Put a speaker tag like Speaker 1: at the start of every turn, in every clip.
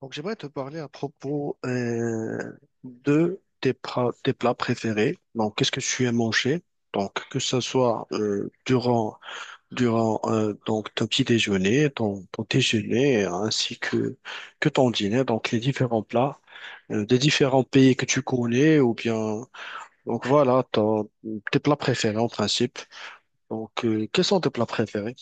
Speaker 1: Donc, j'aimerais te parler à propos de tes plats préférés. Donc, qu'est-ce que tu aimes manger? Donc, que ce soit durant, donc, ton petit déjeuner, ton déjeuner, ainsi que ton dîner, donc les différents plats des différents pays que tu connais, ou bien, donc voilà, tes plats préférés en principe. Donc, quels sont tes plats préférés?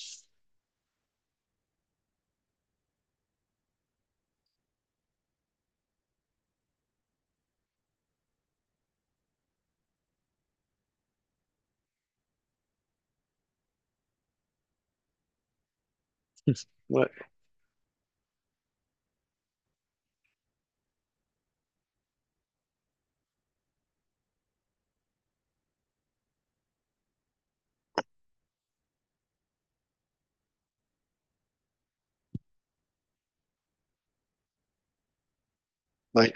Speaker 1: Ouais. Oui,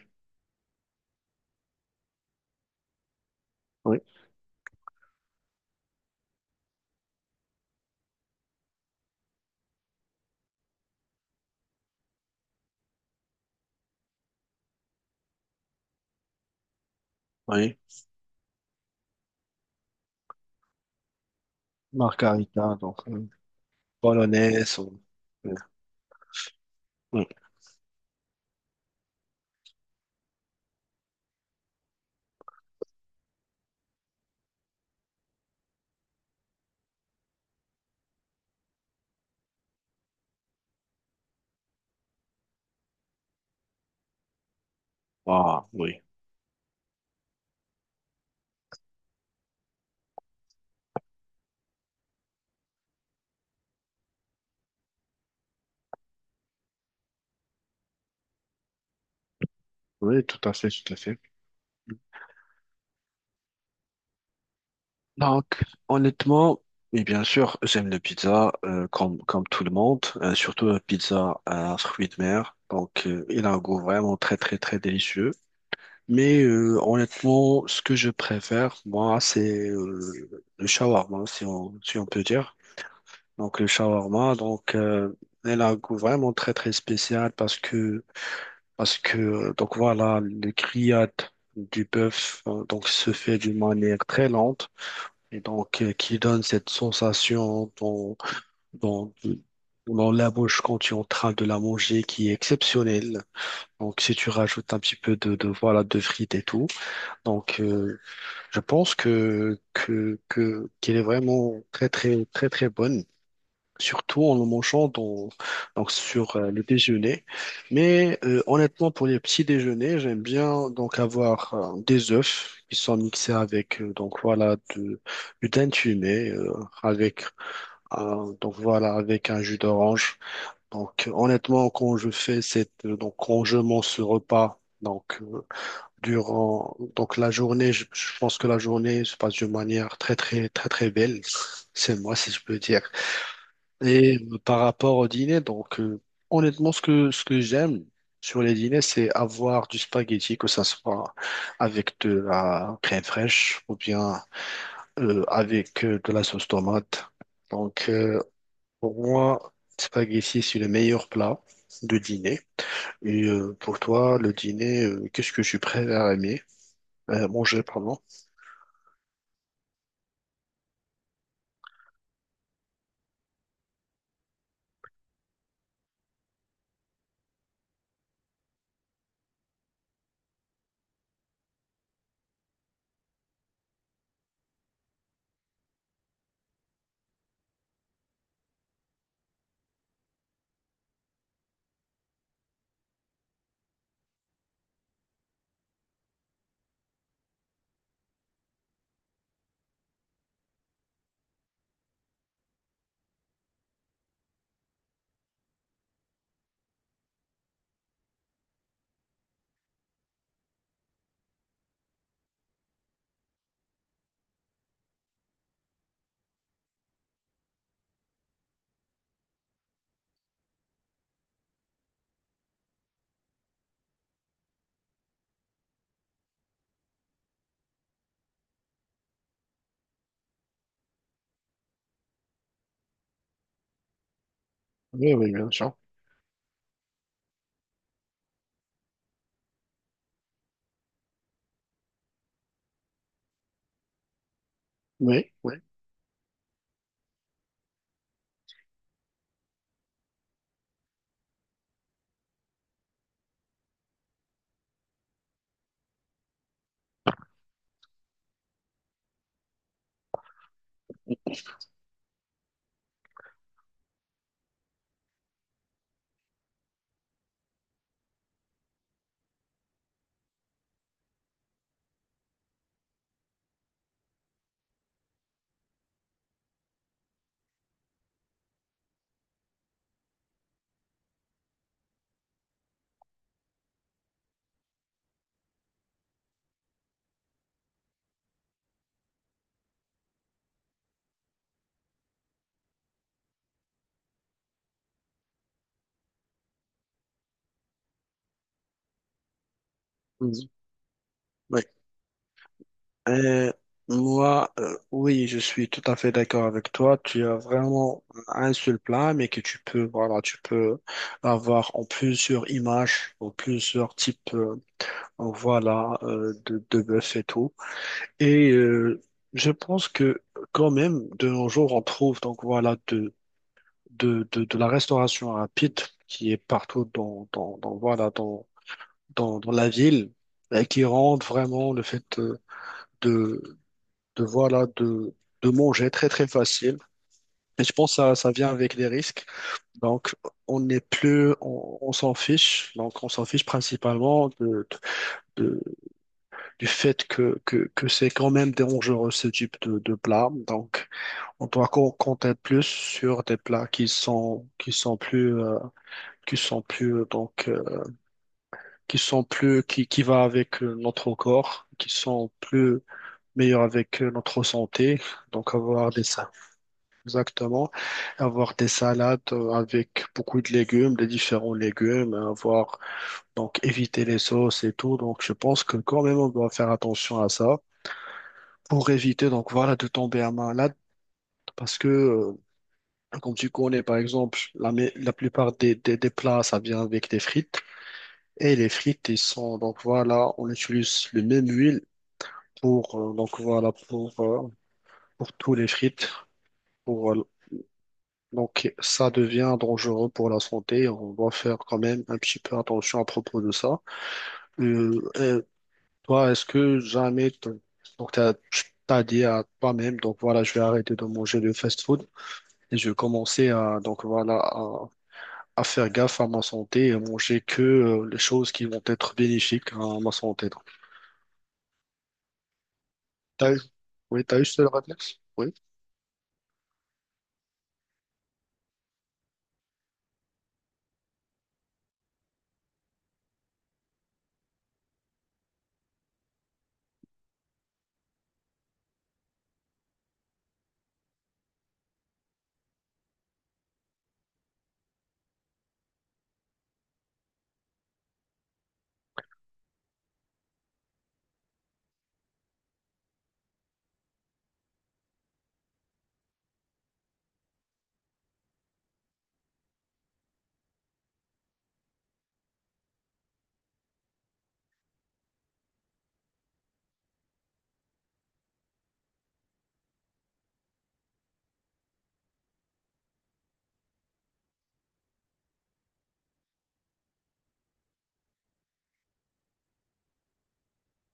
Speaker 1: oui, oui. Margarita, donc, bolognaise. Ah, oui. Oui, tout à fait, tout à fait. Donc, honnêtement, et bien sûr, j'aime la pizza comme, comme tout le monde, surtout la pizza à fruits de mer. Donc, il a un goût vraiment très, très, très délicieux. Mais honnêtement, ce que je préfère, moi, c'est le shawarma, si on, si on peut dire. Donc, le shawarma, donc, elle a un goût vraiment très, très spécial parce que parce que, donc voilà, le grillade du bœuf donc se fait d'une manière très lente et donc qui donne cette sensation dans, dans, dans la bouche quand tu es en train de la manger qui est exceptionnelle. Donc si tu rajoutes un petit peu de voilà de frites et tout, donc euh, je pense que qu'elle est vraiment très très très très bonne surtout en le mangeant donc sur le déjeuner. Mais honnêtement, pour les petits déjeuners, j'aime bien donc avoir des œufs qui sont mixés avec donc voilà de, du thym fumé avec un, donc voilà avec un jus d'orange. Donc honnêtement, quand je fais cette, donc quand je mange ce repas donc, durant donc la journée, je pense que la journée se passe d'une manière très, très, très, très belle. C'est moi, si je peux dire. Et par rapport au dîner, honnêtement, ce que j'aime sur les dîners, c'est avoir du spaghetti, que ça soit avec de la crème fraîche ou bien avec de la sauce tomate. Donc euh, pour moi, spaghetti, c'est le meilleur plat de dîner. Et pour toi, le dîner, qu'est-ce que tu préfères aimer, manger, pardon? Oui, oui, bien sûr. Oui, oui. Mhm. Oui. Euh, moi, oui, je suis tout à fait d'accord avec toi. Tu as vraiment un seul plat, mais que tu peux, voilà, tu peux avoir en plusieurs images, en plusieurs types, voilà, de bœuf et tout. Et je pense que quand même, de nos jours, on trouve donc voilà de la restauration rapide qui est partout dans, dans voilà dans, dans la ville, et qui rend vraiment le fait de de voilà de manger très très facile. Et je pense que ça vient avec des risques. Donc on n'est plus, on s'en fiche. Donc on s'en fiche principalement de, de- de- du fait que, que c'est quand même dangereux ce type de plat. Donc on doit compter plus sur des plats qui sont plus qui sont plus qui sont plus qui va avec notre corps, qui sont plus meilleurs avec notre santé. Donc avoir des salades. Exactement. Avoir des salades avec beaucoup de légumes, des différents légumes, hein, avoir donc éviter les sauces et tout. Donc je pense que quand même on doit faire attention à ça pour éviter donc voilà de tomber à malade parce que comme tu connais par exemple la plupart des plats ça vient avec des frites et les frites ils sont donc voilà on utilise le même huile pour donc voilà pour tous les frites. Pour Donc, ça devient dangereux pour la santé. On doit faire quand même un petit peu attention à propos de ça. Euh, euh, toi, est-ce que jamais, donc t'as dit à toi-même, donc voilà, je vais arrêter de manger le fast-food et je vais commencer à, donc voilà, à faire gaffe à ma santé et à manger que les choses qui vont être bénéfiques à ma santé. Donc, t'as eu, oui, t'as eu ce réflexe? Oui.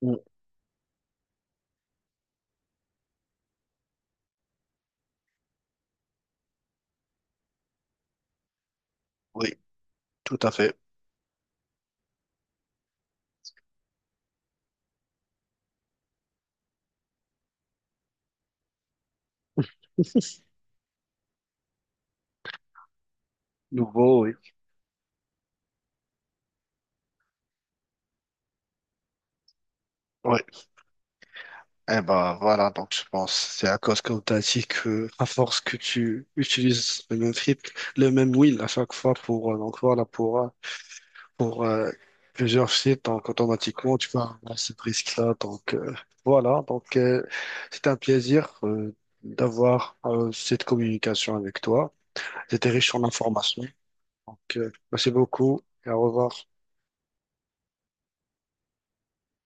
Speaker 1: Mm. Oui, tout à fait. Nouveau, oui. Ouais. Eh ben voilà, donc je pense c'est à cause qu'on t'a dit que à force que tu utilises le même script, le même wheel à chaque fois pour donc voilà pour plusieurs sites, donc automatiquement tu vas avoir ce risque-là. Voilà, c'est un plaisir d'avoir cette communication avec toi. C'était riche en informations. Donc merci beaucoup et au revoir.